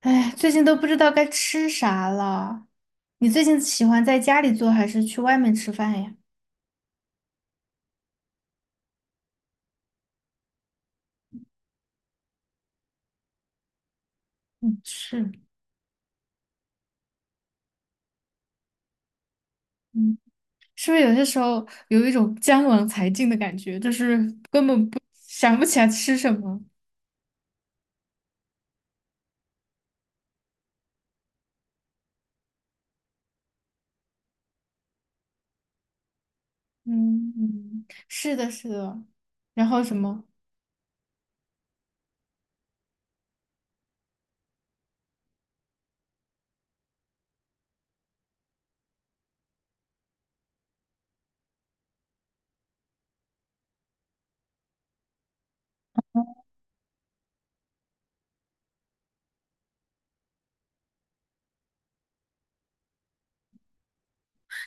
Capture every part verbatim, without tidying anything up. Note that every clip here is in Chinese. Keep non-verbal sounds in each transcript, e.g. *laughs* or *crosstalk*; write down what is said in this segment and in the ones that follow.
哎，最近都不知道该吃啥了。你最近喜欢在家里做还是去外面吃饭呀？嗯，是，嗯，是不是有些时候有一种江郎才尽的感觉，就是根本不想不起来吃什么？嗯嗯，是的，是的。然后什么？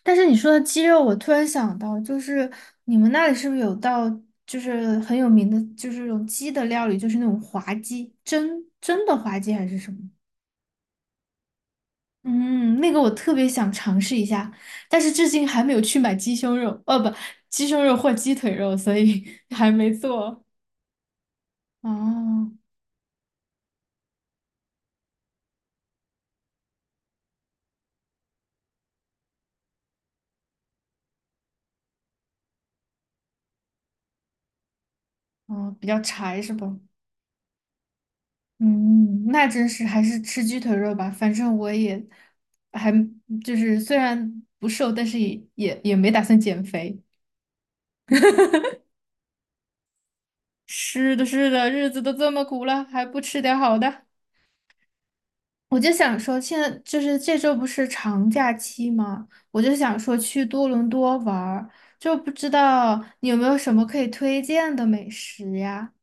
但是你说的鸡肉，我突然想到，就是你们那里是不是有道就是很有名的，就是那种鸡的料理，就是那种滑鸡，蒸蒸的滑鸡还是什么？嗯，那个我特别想尝试一下，但是至今还没有去买鸡胸肉，哦不，鸡胸肉或鸡腿肉，所以 *laughs* 还没做。哦哦，比较柴是吧？嗯，那真是还是吃鸡腿肉吧，反正我也还就是虽然不瘦，但是也也也没打算减肥。是的，是的，日子都这么苦了，还不吃点好的。我就想说，现在就是这周不是长假期吗？我就想说去多伦多玩儿，就不知道你有没有什么可以推荐的美食呀？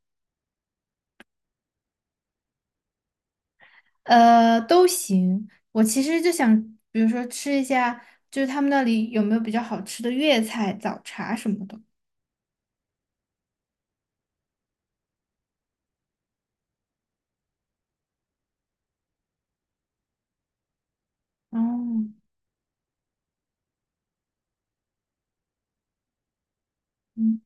呃，都行。我其实就想，比如说吃一下，就是他们那里有没有比较好吃的粤菜、早茶什么的。哦，嗯，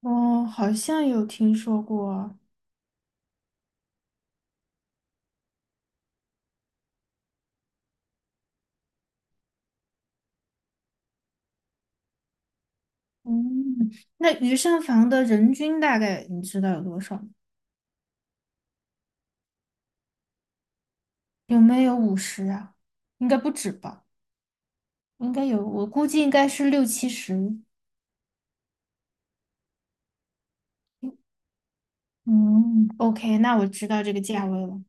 哦，好像有听说过。嗯，那鱼膳房的人均大概你知道有多少吗？有没有五十啊？应该不止吧。应该有，我估计应该是六七十。嗯，OK，那我知道这个价位了。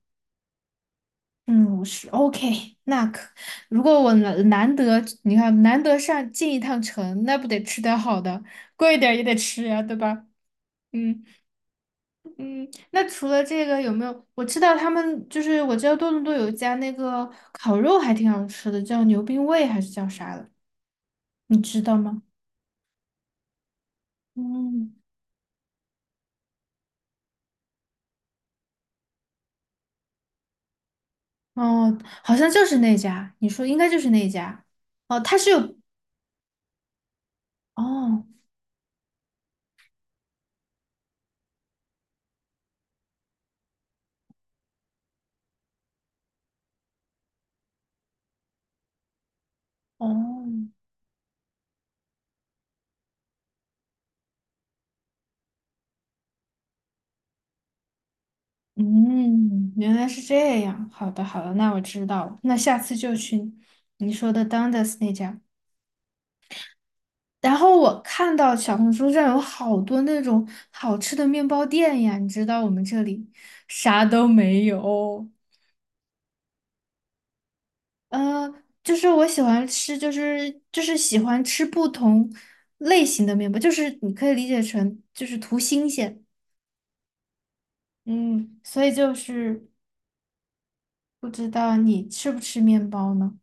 嗯，五十，OK，*laughs* 那可，如果我难难得，你看难得上进一趟城，那不得吃点好的，贵一点儿也得吃呀，对吧？嗯嗯，那除了这个有没有？我知道他们就是我知道多伦多有一家那个烤肉还挺好吃的，叫牛冰味还是叫啥的，你知道吗？嗯，哦，好像就是那家，你说应该就是那家。哦，它是有哦哦，嗯，原来是这样。好的，好的，那我知道了。那下次就去你说的 Dundas 那家。然后我看到小红书上有好多那种好吃的面包店呀，你知道我们这里啥都没有。呃，就是我喜欢吃，就是就是喜欢吃不同类型的面包，就是你可以理解成就是图新鲜。嗯，所以就是不知道你吃不吃面包呢？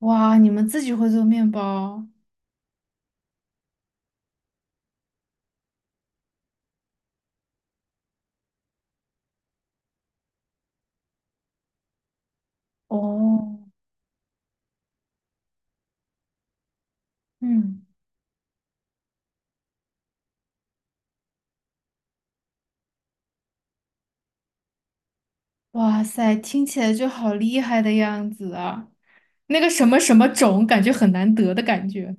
哇，你们自己会做面包？哦，嗯，哇塞，听起来就好厉害的样子啊！那个什么什么种，感觉很难得的感觉。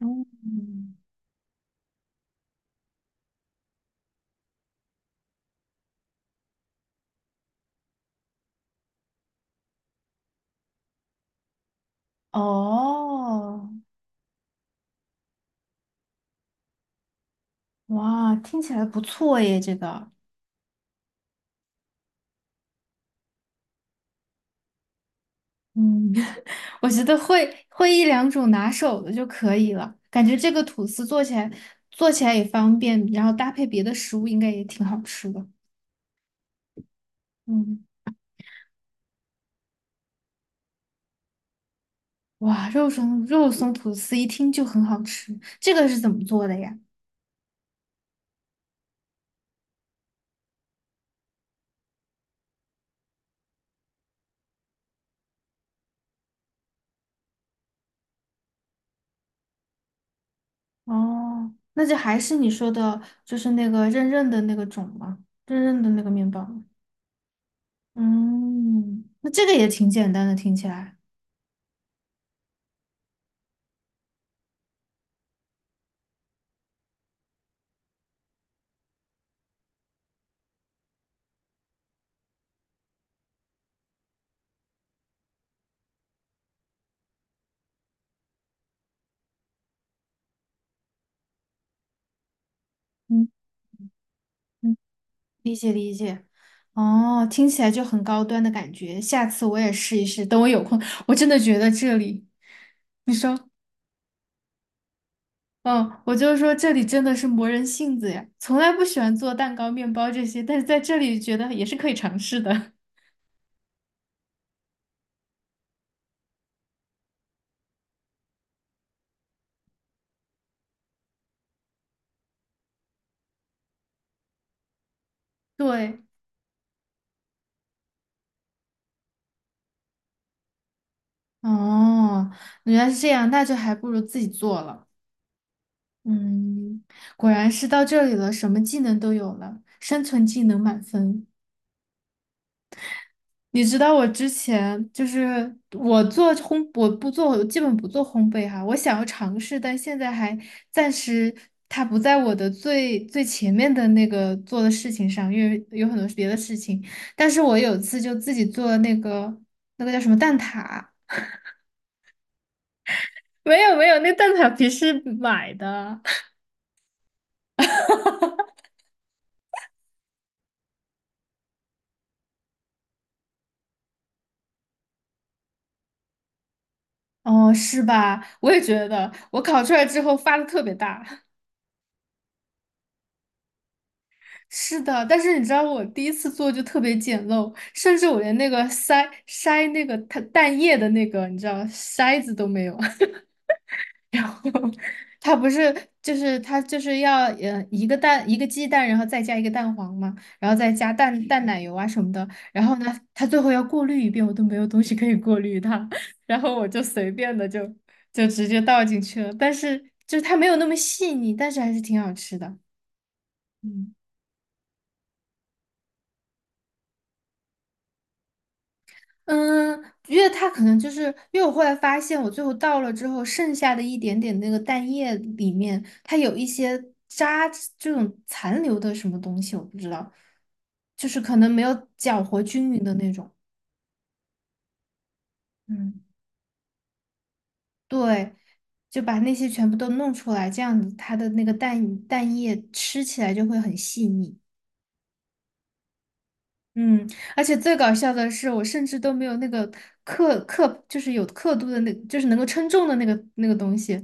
嗯，哦，哇，听起来不错耶，这个，嗯，*laughs* 我觉得会会一两种拿手的就可以了，感觉这个吐司做起来做起来也方便，然后搭配别的食物应该也挺好吃的。嗯。哇，肉松肉松吐司一听就很好吃，这个是怎么做的呀？哦，那就还是你说的，就是那个韧韧的那个种吗？韧韧的那个面包吗。嗯，那这个也挺简单的，听起来。嗯嗯，哦，听起来就很高端的感觉。下次我也试一试，等我有空，我真的觉得这里，嗯，我就说这里真的是磨人性子呀，从来不喜欢做蛋糕、面包这些，但是在这里觉得也是可以尝试的。*laughs* 对。哦，原来是这样，那就还不如自己做了。嗯，果然是到这里了，什么技能都有了，生存技能满分。你知道我之前就是我做烘，我不做，我基本不做烘焙哈，我想要尝试，但现在还暂时它不在我的最最前面的那个做的事情上，因为有很多别的事情。但是我有一次就自己做了那个那个叫什么蛋挞，没有没有，那蛋挞皮是买的。哦，是吧？我也觉得，我烤出来之后发的特别大。*laughs* 是的，但是你知道我第一次做就特别简陋，甚至我连那个筛筛那个它蛋液的那个，你知道筛子都没有。*laughs* 然后它不是就是它就是要呃一个蛋一个鸡蛋，然后再加一个蛋黄嘛，然后再加蛋蛋奶油啊什么的，然后呢，它最后要过滤一遍，我都没有东西可以过滤它，*laughs* 然后我就随便的就就直接倒进去了，但是就是它没有那么细腻，但是还是挺好吃的。嗯嗯，因为它可能就是因为我后来发现，我最后倒了之后，剩下的一点点那个蛋液里面，它有一些渣这种残留的什么东西，我不知道，就是可能没有搅和均匀的那种。嗯，对，就把那些全部都弄出来，这样子它的那个蛋蛋液吃起来就会很细腻。嗯，而且最搞笑的是，我甚至都没有那个刻刻，就是有刻度的那，就是能够称重的那个那个东西。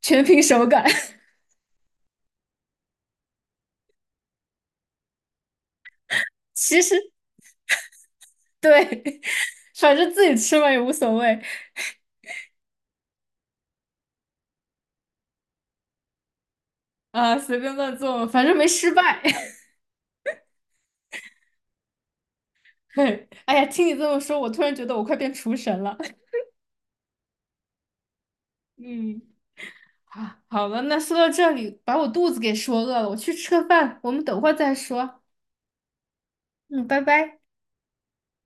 全凭手感。*laughs* 其实对，反正自己吃嘛也无所谓啊，随便乱做，反正没失败。*laughs* 哎呀，听你这么说，我突然觉得我快变厨神了。*laughs* 嗯，啊，好了，那说到这里，把我肚子给说饿了，我去吃个饭，我们等会儿再说。嗯，拜拜。